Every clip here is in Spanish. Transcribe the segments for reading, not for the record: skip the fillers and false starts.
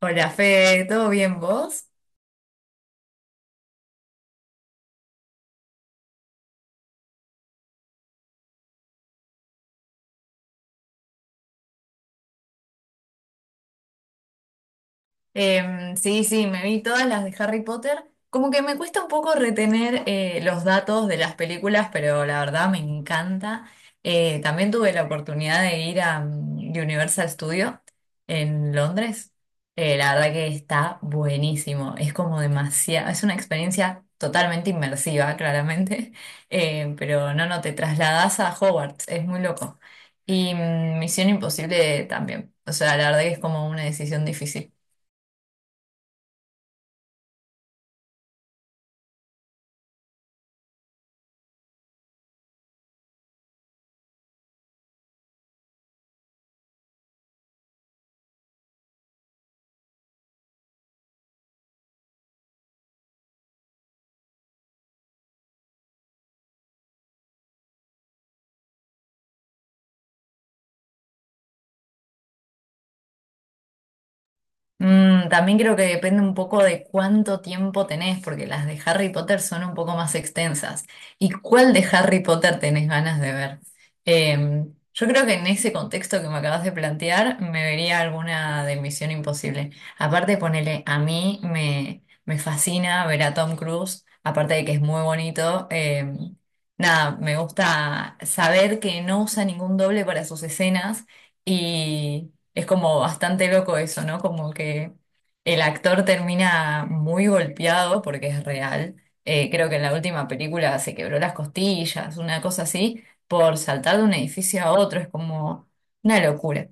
Hola, Fe, ¿todo bien vos? Sí, sí, me vi todas las de Harry Potter. Como que me cuesta un poco retener los datos de las películas, pero la verdad me encanta. También tuve la oportunidad de ir a Universal Studio en Londres. La verdad que está buenísimo. Es como demasiado, es una experiencia totalmente inmersiva, claramente. Pero no, no, te trasladas a Hogwarts, es muy loco. Y Misión Imposible también. O sea, la verdad que es como una decisión difícil. También creo que depende un poco de cuánto tiempo tenés, porque las de Harry Potter son un poco más extensas. ¿Y cuál de Harry Potter tenés ganas de ver? Eh, yo creo que en ese contexto que me acabas de plantear, me vería alguna de Misión Imposible. Aparte, ponele, a mí me fascina ver a Tom Cruise, aparte de que es muy bonito. Nada, me gusta saber que no usa ningún doble para sus escenas y... Es como bastante loco eso, ¿no? Como que el actor termina muy golpeado porque es real. Creo que en la última película se quebró las costillas, una cosa así, por saltar de un edificio a otro. Es como una locura.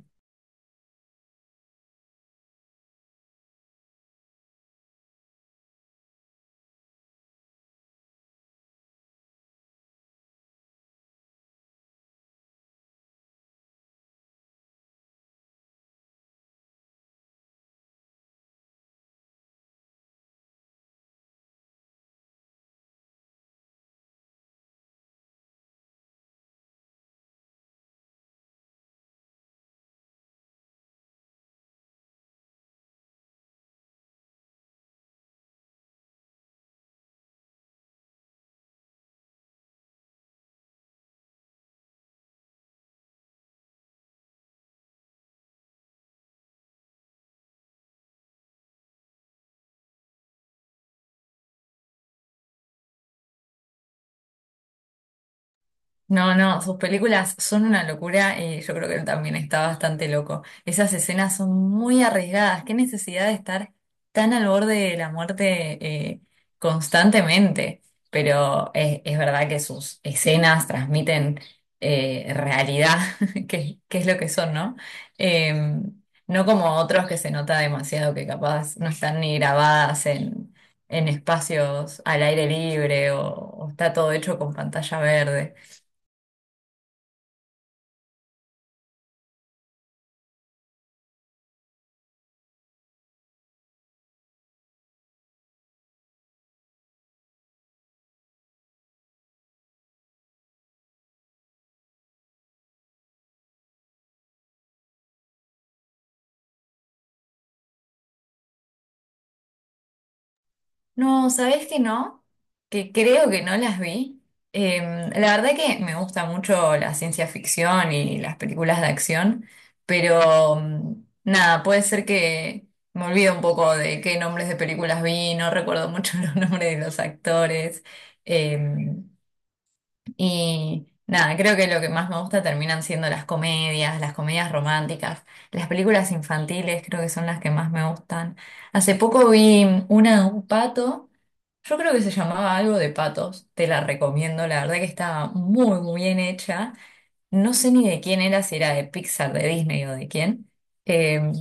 No, no, sus películas son una locura y yo creo que él también está bastante loco. Esas escenas son muy arriesgadas. Qué necesidad de estar tan al borde de la muerte eh, constantemente. Pero es verdad que sus escenas transmiten realidad, que es lo que son, ¿no? Eh, no como otros que se nota demasiado que capaz no están ni grabadas en espacios al aire libre o está todo hecho con pantalla verde. No, ¿sabés que no? Que creo que no las vi. La verdad que me gusta mucho la ciencia ficción y las películas de acción, pero nada, puede ser que me olvido un poco de qué nombres de películas vi, no recuerdo mucho los nombres de los actores. Eh, y nada, creo que lo que más me gusta terminan siendo las comedias románticas, las películas infantiles creo que son las que más me gustan. Hace poco vi una de un pato, yo creo que se llamaba algo de patos, te la recomiendo, la verdad que estaba muy, muy bien hecha, no sé ni de quién era, si era de Pixar, de Disney o de quién. Eh,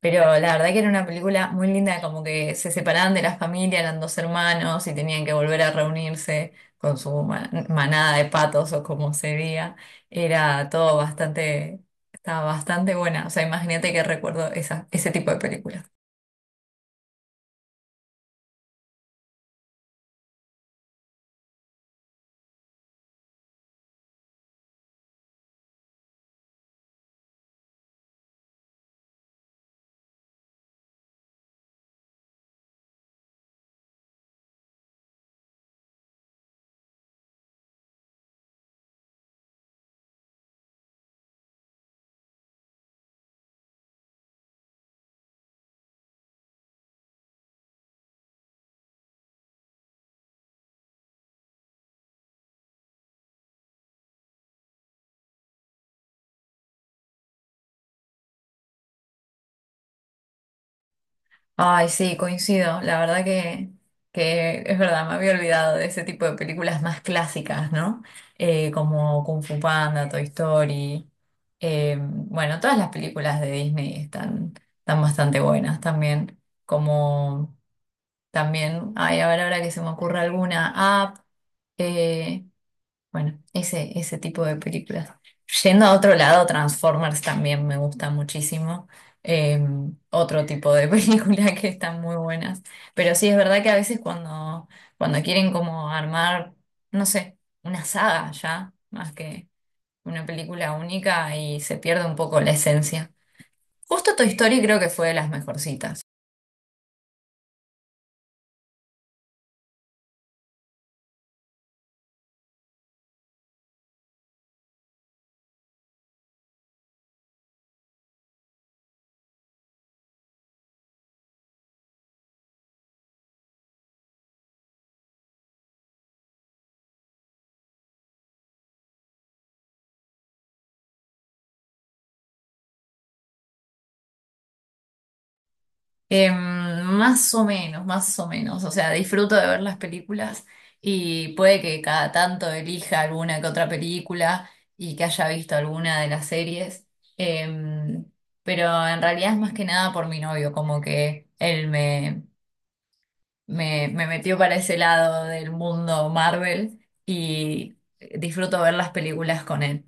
pero la verdad que era una película muy linda, como que se separaban de la familia, eran dos hermanos y tenían que volver a reunirse con su manada de patos o como se diga. Era todo bastante, estaba bastante buena. O sea, imagínate que recuerdo esa, ese tipo de películas. Ay, sí, coincido. La verdad que es verdad, me había olvidado de ese tipo de películas más clásicas, ¿no? Como Kung Fu Panda, Toy Story. Bueno, todas las películas de Disney están, están bastante buenas también. Como también, ay, a ver ahora que se me ocurra alguna app. Bueno, ese tipo de películas. Yendo a otro lado, Transformers también me gusta muchísimo. Eh, Otro tipo de película que están muy buenas. Pero sí, es verdad que a veces cuando quieren como armar, no sé, una saga ya, más que una película única y se pierde un poco la esencia. Justo Toy Story creo que fue de las mejorcitas. Em, Más o menos, más o menos. O sea, disfruto de ver las películas y puede que cada tanto elija alguna que otra película y que haya visto alguna de las series. Em, pero en realidad es más que nada por mi novio, como que él me metió para ese lado del mundo Marvel y disfruto ver las películas con él.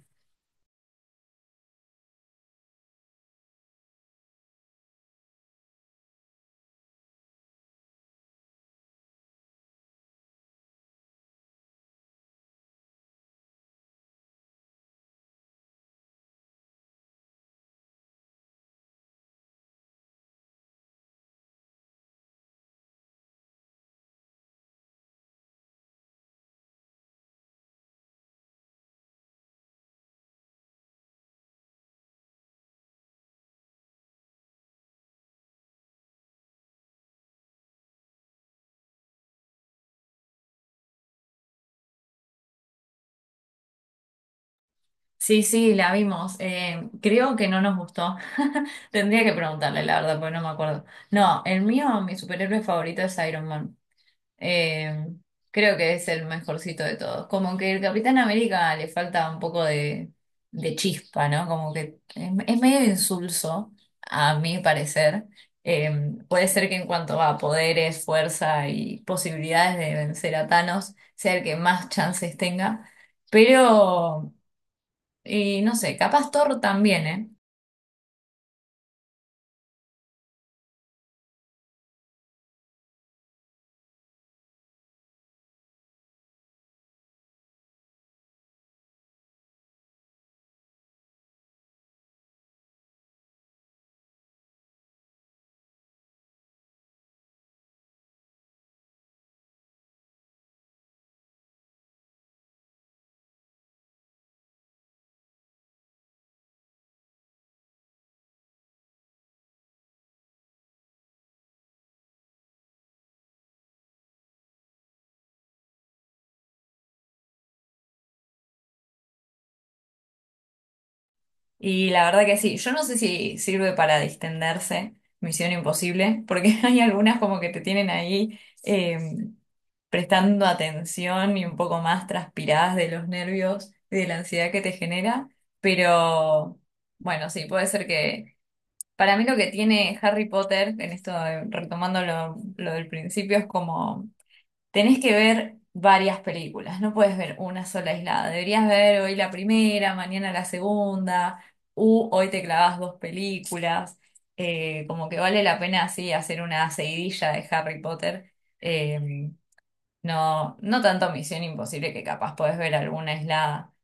Sí, sí, la vimos. Creo que no nos gustó. Tendría que preguntarle, la verdad, porque no me acuerdo. No, el mío, mi superhéroe favorito es Iron Man. Eh, Creo que es el mejorcito de todos. Como que el Capitán América le falta un poco de chispa, ¿no? Como que es medio insulso, a mi parecer. Eh, Puede ser que en cuanto a poderes, fuerza y posibilidades de vencer a Thanos, sea el que más chances tenga. Pero y no sé, capaz Thor también, ¿eh? Y la verdad que sí, yo no sé si sirve para distenderse, Misión Imposible, porque hay algunas como que te tienen ahí prestando atención y un poco más transpiradas de los nervios y de la ansiedad que te genera, pero bueno, sí, puede ser que... Para mí lo que tiene Harry Potter, en esto retomando lo del principio, es como tenés que ver varias películas, no puedes ver una sola aislada. Deberías ver hoy la primera, mañana la segunda, u hoy te clavas dos películas. Como que vale la pena así hacer una seguidilla de Harry Potter. Eh, no, no tanto Misión Imposible que capaz podés ver alguna aislada.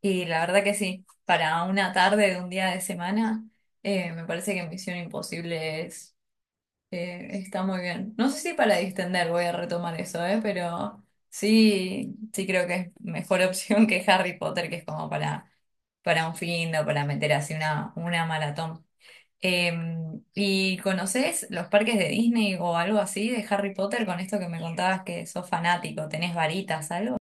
Y la verdad que sí, para una tarde de un día de semana, me parece que Misión Imposible está muy bien. No sé si para distender voy a retomar eso, ¿eh? Pero sí, sí creo que es mejor opción que Harry Potter, que es como para un fin o para meter así una maratón. Eh, ¿Y conoces los parques de Disney o algo así de Harry Potter con esto que me contabas que sos fanático? ¿Tenés varitas, algo?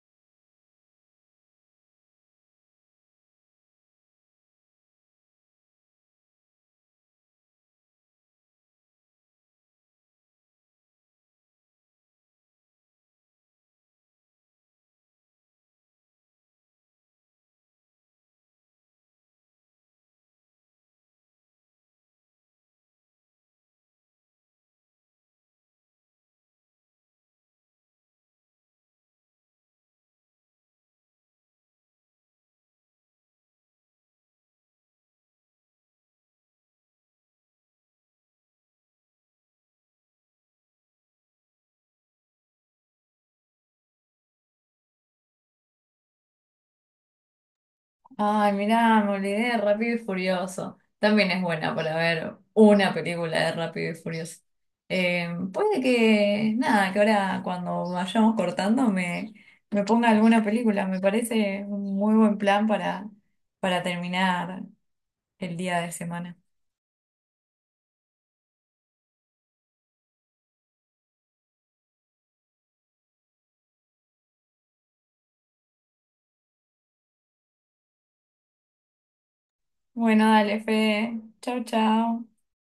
Ay, mirá, me olvidé de Rápido y Furioso. También es buena para ver una película de Rápido y Furioso. Puede que, nada, que ahora cuando vayamos cortando me ponga alguna película. Me parece un muy buen plan para terminar el día de semana. Bueno, dale, Fede. Chau, chau.